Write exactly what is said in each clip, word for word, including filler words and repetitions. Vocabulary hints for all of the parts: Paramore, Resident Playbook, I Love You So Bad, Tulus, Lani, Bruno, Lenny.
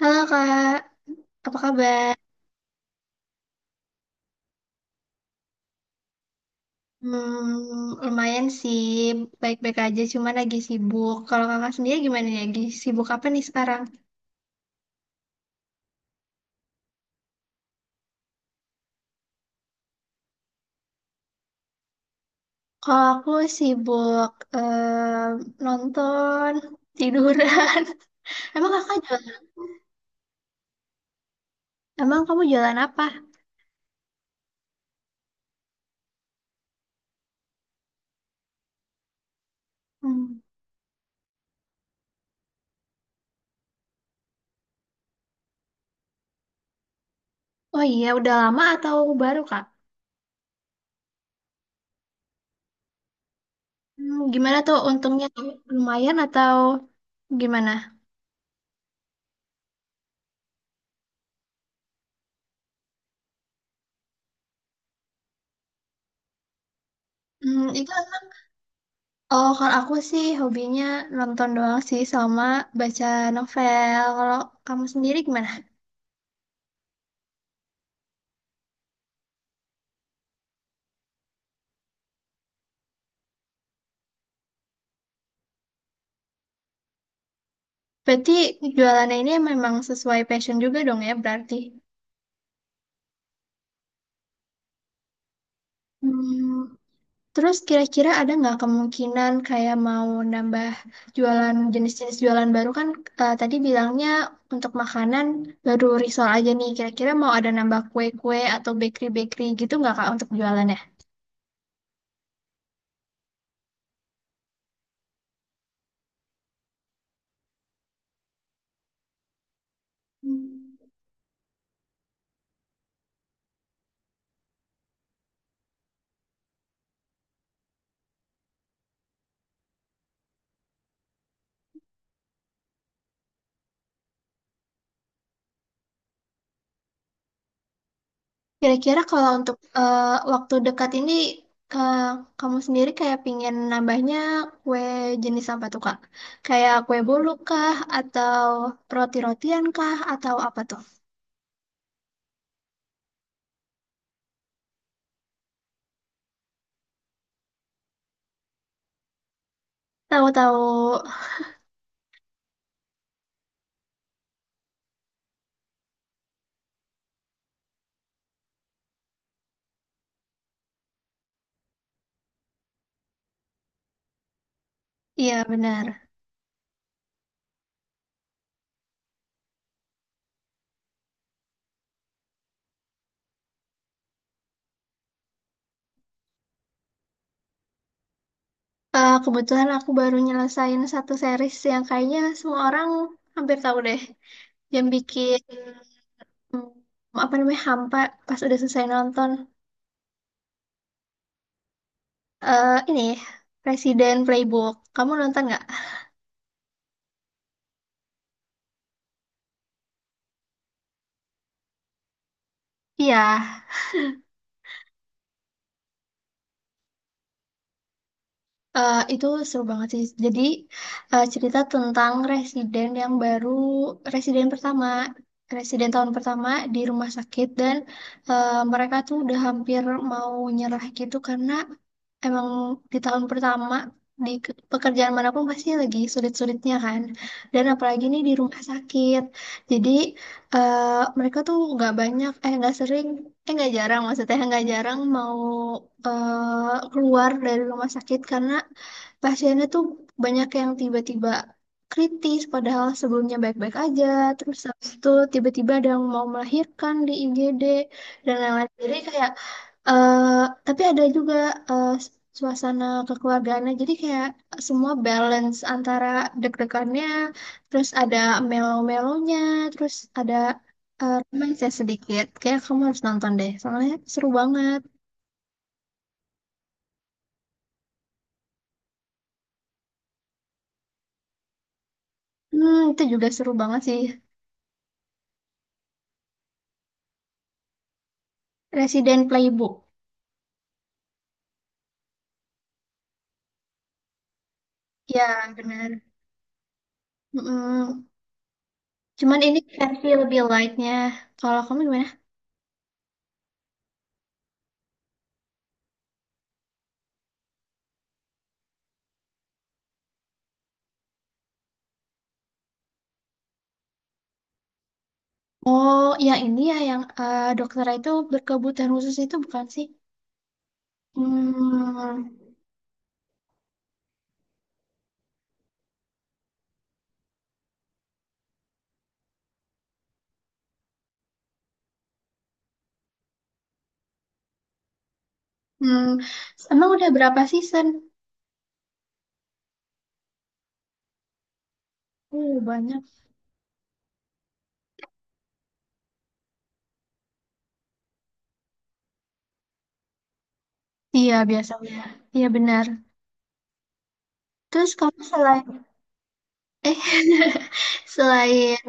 Halo Kak, apa kabar? Hmm, lumayan sih, baik-baik aja, cuman lagi sibuk. Kalau kakak sendiri gimana nih? Lagi sibuk apa nih sekarang? Kalau aku sibuk em, nonton, tiduran. Emang kakak jualan? Emang kamu jualan apa? Hmm. Oh iya, udah lama atau baru Kak? Hmm, gimana tuh untungnya? Lumayan atau gimana? Hmm, itu Oh, kalau aku sih hobinya nonton doang sih sama baca novel. Kalau kamu sendiri gimana? Berarti jualannya ini memang sesuai passion juga dong ya berarti. Hmm, terus kira-kira ada nggak kemungkinan kayak mau nambah jualan jenis-jenis jualan baru kan eh, tadi bilangnya untuk makanan baru risol aja nih. Kira-kira mau ada nambah kue-kue atau bakery-bakery gitu nggak Kak untuk jualannya? Hmm. Kira-kira kalau untuk eh, waktu dekat ini, ke kamu sendiri kayak pingin nambahnya kue jenis apa tuh, Kak? Kayak kue bolu kah? Atau roti-rotian kah? Atau apa tuh? Tahu-tahu, iya benar. Eh, kebetulan aku baru nyelesain satu series yang kayaknya semua orang hampir tahu deh. Yang bikin, hmm, apa namanya, hampa pas udah selesai nonton. Eh, ini, Presiden Playbook. Kamu nonton nggak? Iya. Eh, itu seru banget sih. Jadi eh, cerita tentang residen yang baru, residen pertama, residen tahun pertama di rumah sakit dan eh, mereka tuh udah hampir mau nyerah gitu karena emang di tahun pertama di ke- pekerjaan manapun pasti lagi sulit-sulitnya kan. Dan apalagi nih di rumah sakit. Jadi eh, mereka tuh nggak banyak, eh nggak sering Eh, nggak jarang maksudnya nggak jarang mau eh, keluar dari rumah sakit karena pasiennya tuh banyak yang tiba-tiba kritis padahal sebelumnya baik-baik aja terus habis itu tiba-tiba ada yang mau melahirkan di I G D dan lain-lain jadi kayak eh tapi ada juga eh, suasana kekeluargaannya. Jadi kayak semua balance antara deg-degannya, terus ada melo-melonya, terus ada eh, romance sedikit. Kayak kamu harus nonton deh, soalnya seru banget. Hmm, itu juga seru banget sih. Resident Playbook. Ya, benar. Mm-mm. Cuman ini versi lebih lightnya. Kalau kamu gimana? Oh, yang ini ya, yang eh, dokter itu berkebutuhan khusus itu bukan sih? Hmm, hmm, emang udah berapa season? Oh, banyak. Iya, biasanya. Iya, benar. Terus kamu selain eh selain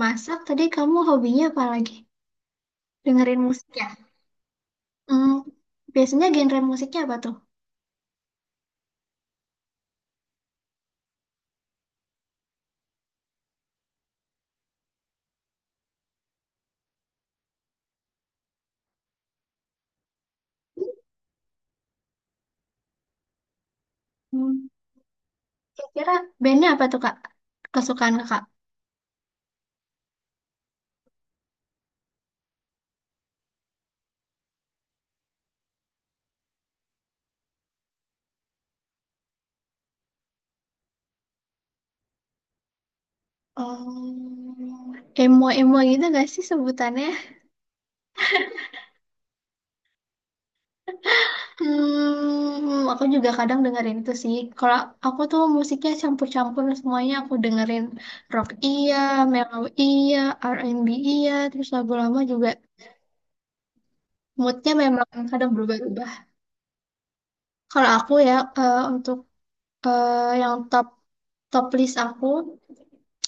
masak tadi kamu hobinya apa lagi? Dengerin musik ya? Hmm, biasanya genre musiknya apa tuh? Hmm. Kira-kira bandnya apa tuh, Kak? Kesukaan Kakak? Oh, emo-emo gitu gak sih sebutannya? Hmm, aku juga kadang dengerin itu sih. Kalau aku tuh musiknya campur-campur semuanya. Aku dengerin rock iya, mellow iya, R and B iya, terus lagu lama juga. Moodnya memang kadang berubah-ubah. Kalau aku ya eh, untuk eh, yang top top list aku,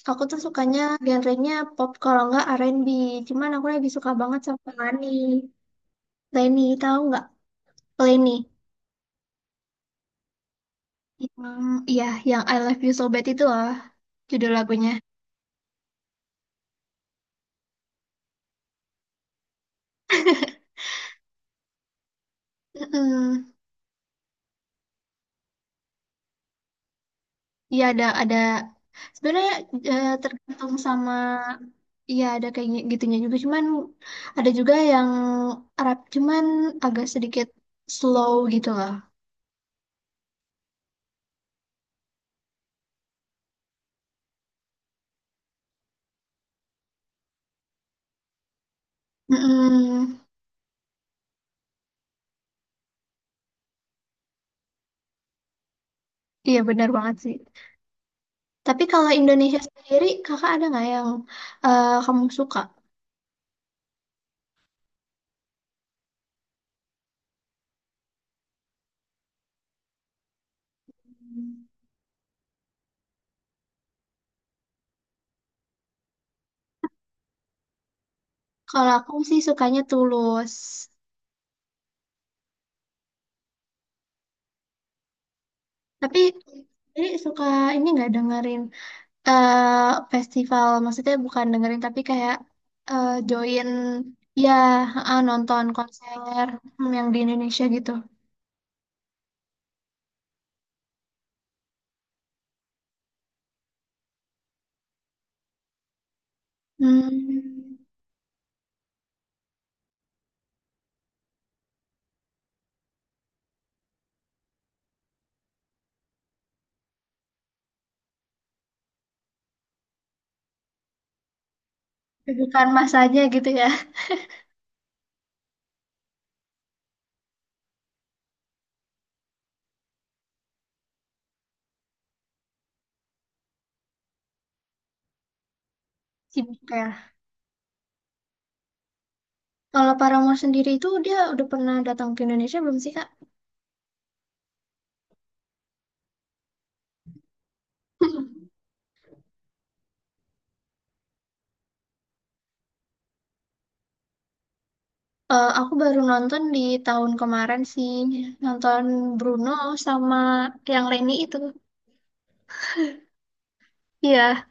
aku tuh sukanya genrenya pop kalau nggak R and B. Cuman aku lagi suka banget sama Lani. Leni, tahu nggak? Leni. Yang, iya, yang I Love You So Bad itu loh, judul lagunya. Mm-mm. Iya ada ada sebenarnya eh, tergantung sama iya ada kayak gi- gitunya juga cuman ada juga yang Arab cuman agak sedikit slow gitu loh. Mm-mm. Iya benar banget sih. Tapi kalau Indonesia sendiri kakak ada nggak yang eh, kamu suka? Kalau aku sih sukanya Tulus. Tapi ini suka ini nggak dengerin eh festival maksudnya bukan dengerin tapi kayak eh, join ya eh, nonton konser hmm, yang di Indonesia gitu. Hmm, bukan masanya gitu ya. Sibuk ya. Kalau Paramore sendiri itu dia udah pernah datang ke Indonesia belum sih Kak? Eh, aku baru nonton di tahun kemarin sih, nonton Bruno sama yang Lenny itu. Iya,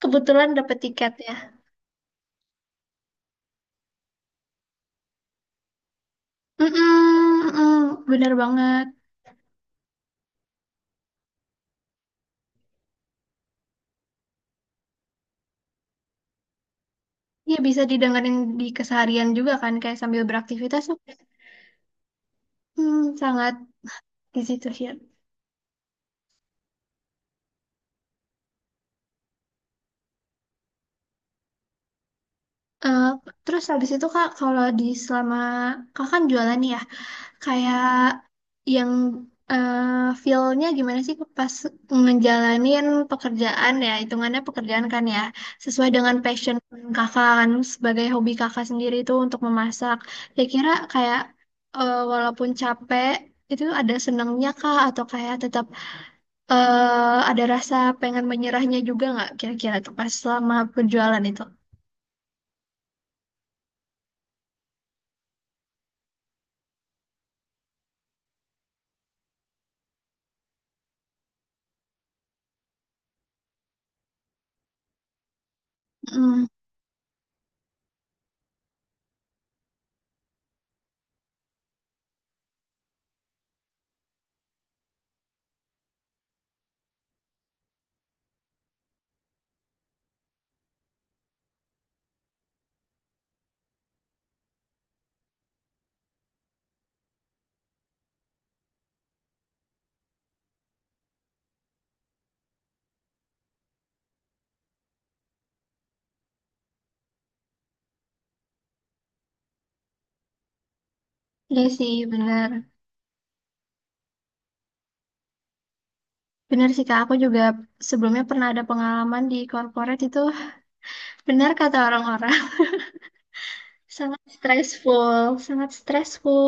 kebetulan dapet tiket ya. Mm-mm, mm-mm, bener banget. Iya bisa didengerin di keseharian juga kan kayak sambil beraktivitas tuh hmm, sangat di situ sih. Eh, terus habis itu Kak kalau di selama kak kan jualan nih ya kayak yang eh feel-nya gimana sih pas ngejalanin pekerjaan ya hitungannya pekerjaan kan ya sesuai dengan passion Kakak kan sebagai hobi Kakak sendiri itu untuk memasak. Saya kira kayak eh, walaupun capek itu ada senangnya kak atau kayak tetap eh ada rasa pengen menyerahnya juga nggak kira-kira tuh pas selama penjualan itu? Hmm, iya sih benar. Benar sih Kak, aku juga sebelumnya pernah ada pengalaman di corporate itu benar kata orang-orang sangat stressful, sangat stressful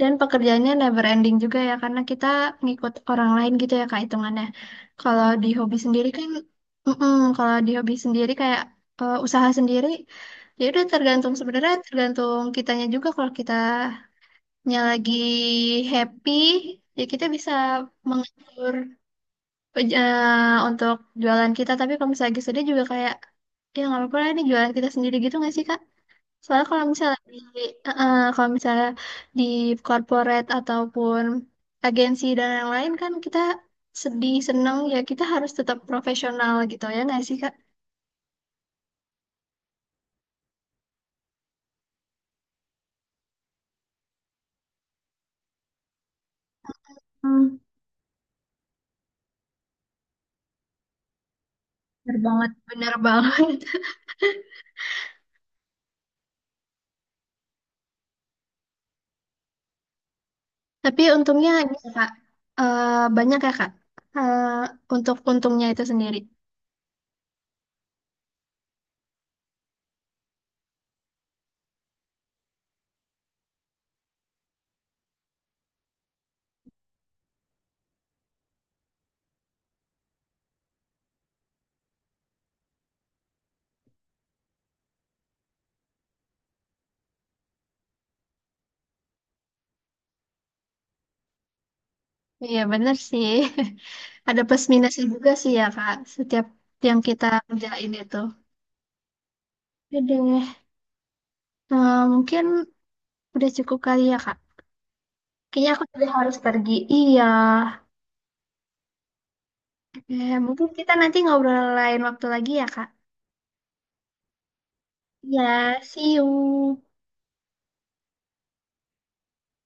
dan pekerjaannya never ending juga ya karena kita ngikut orang lain gitu ya Kak hitungannya. Kalau di hobi sendiri kan mm-mm, kalau di hobi sendiri kayak eh, usaha sendiri ya udah tergantung sebenarnya tergantung kitanya juga kalau kita nya lagi happy, ya kita bisa mengatur eh, untuk jualan kita. Tapi kalau misalnya lagi sedih juga kayak, ya nggak apa-apa lah ini jualan kita sendiri gitu nggak sih Kak? Soalnya kalau misalnya di, eh, eh, kalau misalnya di corporate ataupun agensi dan yang lain kan kita sedih, seneng, ya kita harus tetap profesional gitu ya nggak sih Kak? Hmm, bener banget. Bener banget. Tapi untungnya gitu, Kak. Eh, banyak ya, Kak. Eh, untuk untungnya itu sendiri. Iya, benar sih. Ada plus minusnya juga sih ya, Kak. Setiap yang kita kerjain itu. Oke deh. Eh, mungkin udah cukup kali ya, Kak. Kayaknya aku sudah harus pergi. Iya. Eh, mungkin kita nanti ngobrol lain waktu lagi ya, Kak. Ya, see you.